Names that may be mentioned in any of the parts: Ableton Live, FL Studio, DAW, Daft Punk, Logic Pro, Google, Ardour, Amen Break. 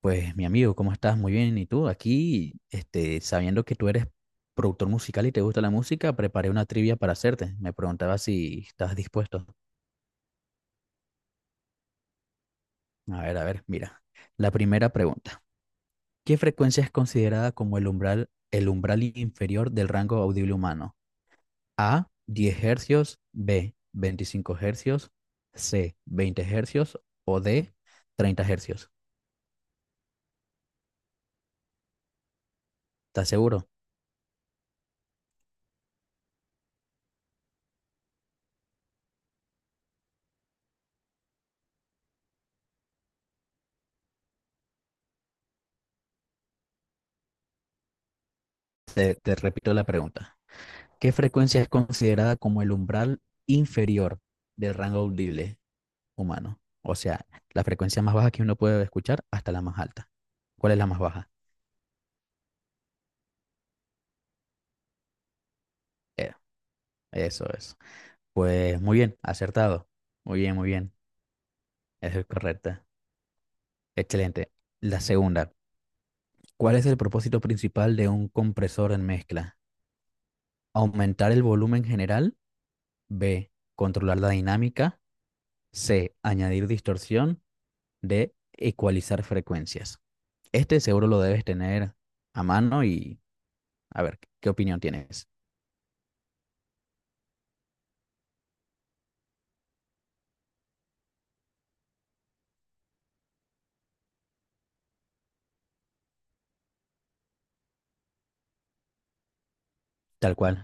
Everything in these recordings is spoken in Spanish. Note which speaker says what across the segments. Speaker 1: Pues mi amigo, ¿cómo estás? Muy bien. ¿Y tú? Aquí, sabiendo que tú eres productor musical y te gusta la música, preparé una trivia para hacerte. Me preguntaba si estás dispuesto. A ver, mira. La primera pregunta. ¿Qué frecuencia es considerada como el umbral inferior del rango audible humano? A, 10 hercios, B, 25 hercios, C, 20 hercios o D, 30 hercios. ¿Estás seguro? Te repito la pregunta. ¿Qué frecuencia es considerada como el umbral inferior del rango audible humano? O sea, la frecuencia más baja que uno puede escuchar hasta la más alta. ¿Cuál es la más baja? Eh, eso es. Pues muy bien, acertado. Muy bien, muy bien. Eso es correcto. Excelente. La segunda. ¿Cuál es el propósito principal de un compresor en mezcla? ¿Aumentar el volumen general? B. Controlar la dinámica. C. Añadir distorsión. D. Ecualizar frecuencias. Este seguro lo debes tener a mano y a ver qué opinión tienes. Tal cual.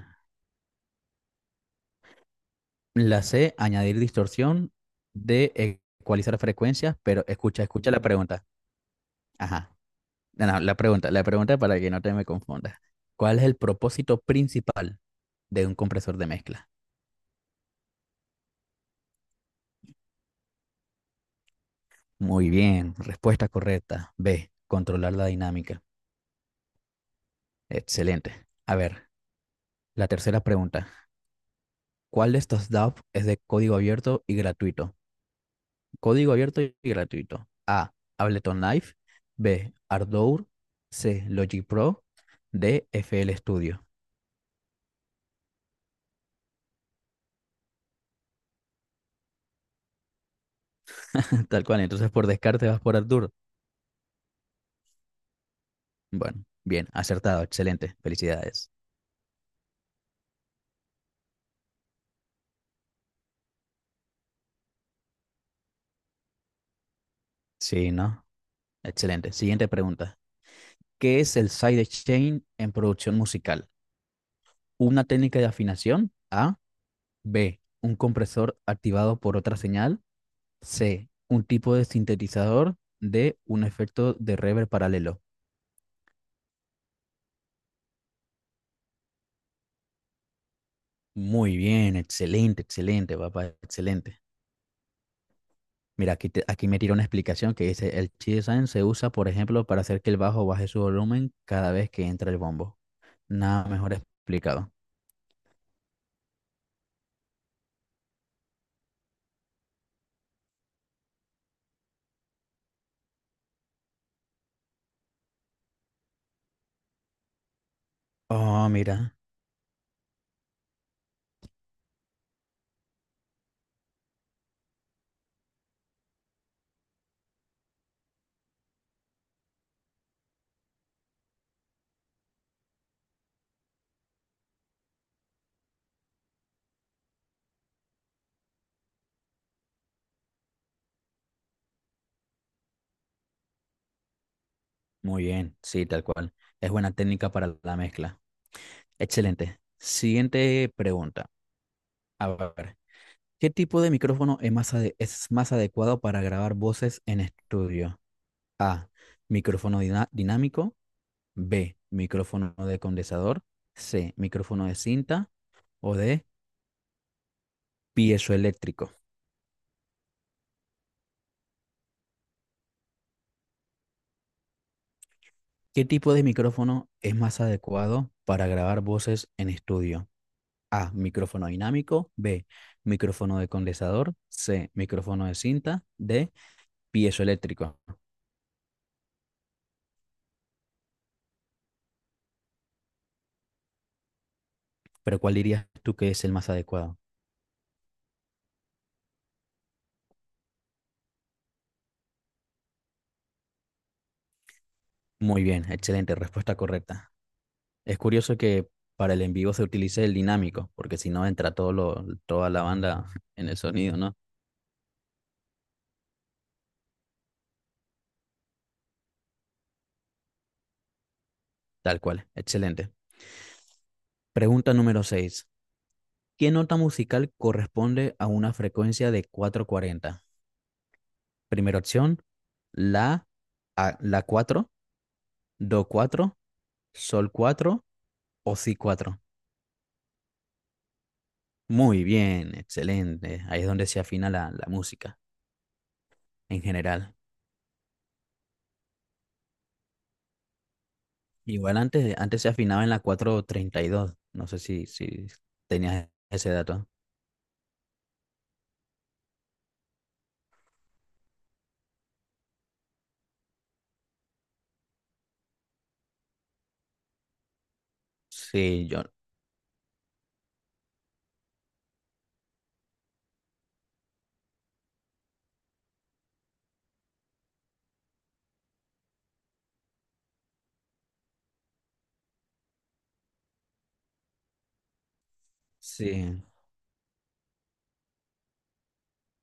Speaker 1: La C, añadir distorsión de ecualizar frecuencias, pero escucha, escucha la pregunta. Ajá. No, no, la pregunta para que no te me confundas. ¿Cuál es el propósito principal de un compresor de mezcla? Muy bien, respuesta correcta. B, controlar la dinámica. Excelente. A ver, la tercera pregunta. ¿Cuál de estos DAW es de código abierto y gratuito? Código abierto y gratuito. A. Ableton Live. B. Ardour. C. Logic Pro. D. FL Studio. Tal cual. Entonces, por descarte vas por Ardour. Bueno, bien, acertado. Excelente. Felicidades. Sí, ¿no? Excelente. Siguiente pregunta. ¿Qué es el sidechain en producción musical? Una técnica de afinación. A. B. Un compresor activado por otra señal. C. Un tipo de sintetizador. D. Un efecto de reverb paralelo. Muy bien, excelente, excelente, papá, excelente. Mira, aquí, aquí me tira una explicación que dice, el chi design se usa, por ejemplo, para hacer que el bajo baje su volumen cada vez que entra el bombo. Nada mejor explicado. Oh, mira, muy bien, sí, tal cual. Es buena técnica para la mezcla. Excelente. Siguiente pregunta. A ver, ¿qué tipo de micrófono es más adecuado para grabar voces en estudio? A, micrófono dinámico. B, micrófono de condensador. C, micrófono de cinta. O D, piezoeléctrico. ¿Qué tipo de micrófono es más adecuado para grabar voces en estudio? A, micrófono dinámico. B, micrófono de condensador. C, micrófono de cinta. D, piezoeléctrico. Pero ¿cuál dirías tú que es el más adecuado? Muy bien, excelente, respuesta correcta. Es curioso que para el en vivo se utilice el dinámico, porque si no entra toda la banda en el sonido, ¿no? Tal cual, excelente. Pregunta número 6. ¿Qué nota musical corresponde a una frecuencia de 440? Primera opción, la, la 4, do 4, sol 4 o si cuatro. Muy bien, excelente. Ahí es donde se afina la música en general. Igual antes se afinaba en la 432. No sé si tenías ese dato. Sí, yo, sí.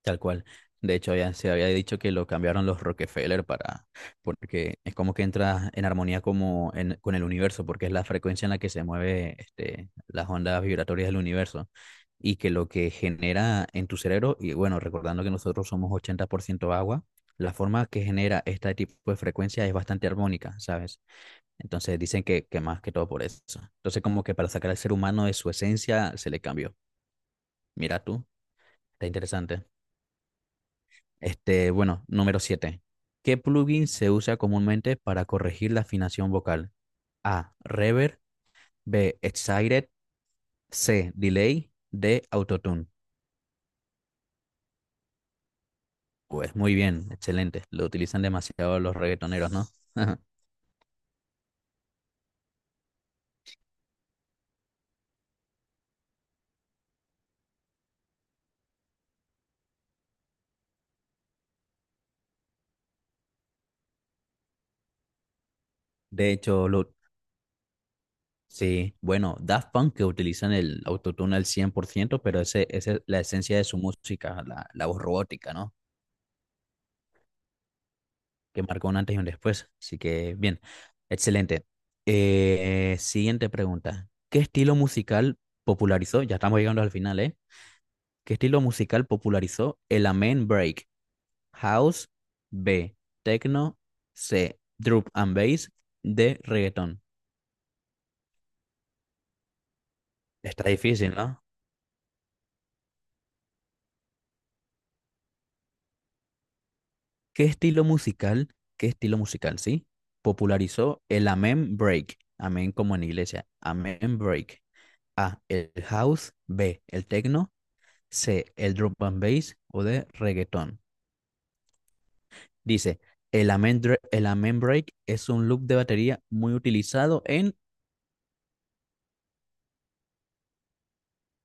Speaker 1: Tal cual. De hecho, ya se había dicho que lo cambiaron los Rockefeller para, porque es como que entra en armonía como con el universo, porque es la frecuencia en la que se mueve este, las ondas vibratorias del universo y que lo que genera en tu cerebro, y bueno, recordando que nosotros somos 80% agua, la forma que genera este tipo de frecuencia es bastante armónica, ¿sabes? Entonces dicen que más que todo por eso. Entonces como que para sacar al ser humano de su esencia se le cambió. Mira tú, está interesante. Bueno, número 7. ¿Qué plugin se usa comúnmente para corregir la afinación vocal? A. Reverb. B. Excited. C. Delay. D. Autotune. Pues muy bien, excelente. Lo utilizan demasiado los reggaetoneros, ¿no? De hecho, sí. Bueno, Daft Punk que utilizan el autotune al 100%, pero esa es la esencia de su música, la voz robótica, ¿no? Que marcó un antes y un después. Así que bien, excelente. Siguiente pregunta. ¿Qué estilo musical popularizó? Ya estamos llegando al final, ¿eh? ¿Qué estilo musical popularizó el Amen Break? House, B, Techno, C, Drop and Bass, D, Reggaeton. Está difícil, ¿no? ¿Qué estilo musical, qué estilo musical, sí? Popularizó el Amen Break. Amen como en iglesia. Amen Break. A, el house, B, el techno, C, el drum and bass o de reggaetón. Dice, el amen break es un loop de batería muy utilizado en...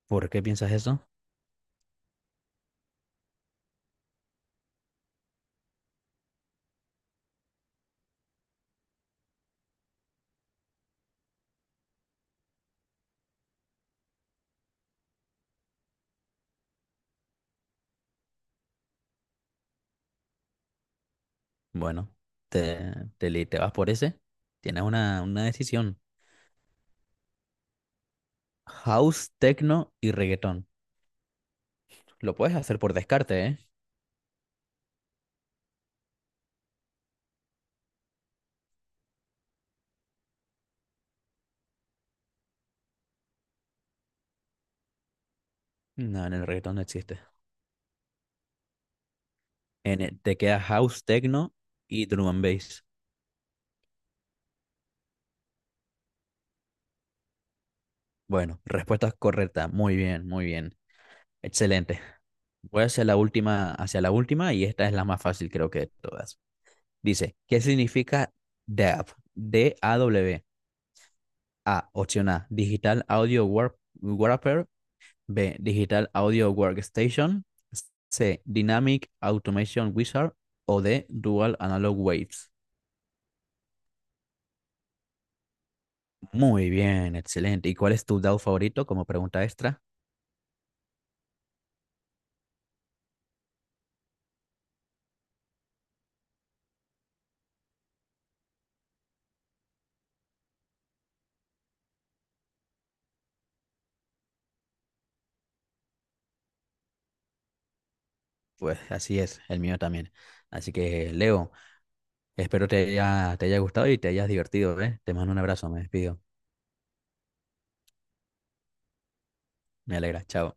Speaker 1: ¿Por qué piensas eso? Bueno, te, te vas por ese. Tienes una decisión. House, techno y reggaetón. Lo puedes hacer por descarte, ¿eh? No, en el reggaetón no existe. Te queda house, techno y drum and bass. Bueno, respuesta correcta. Muy bien, muy bien. Excelente. Voy hacia la última y esta es la más fácil creo que de todas. Dice, ¿qué significa DAW? DAW. A, W. A, opción A, Digital Audio Wrapper. B, Digital Audio Workstation. C, Dynamic Automation Wizard. O D, Dual Analog Waves. Muy bien, excelente. ¿Y cuál es tu DAW favorito como pregunta extra? Pues así es, el mío también. Así que, Leo, espero te haya gustado y te hayas divertido, ¿eh? Te mando un abrazo, me despido. Me alegra, chao.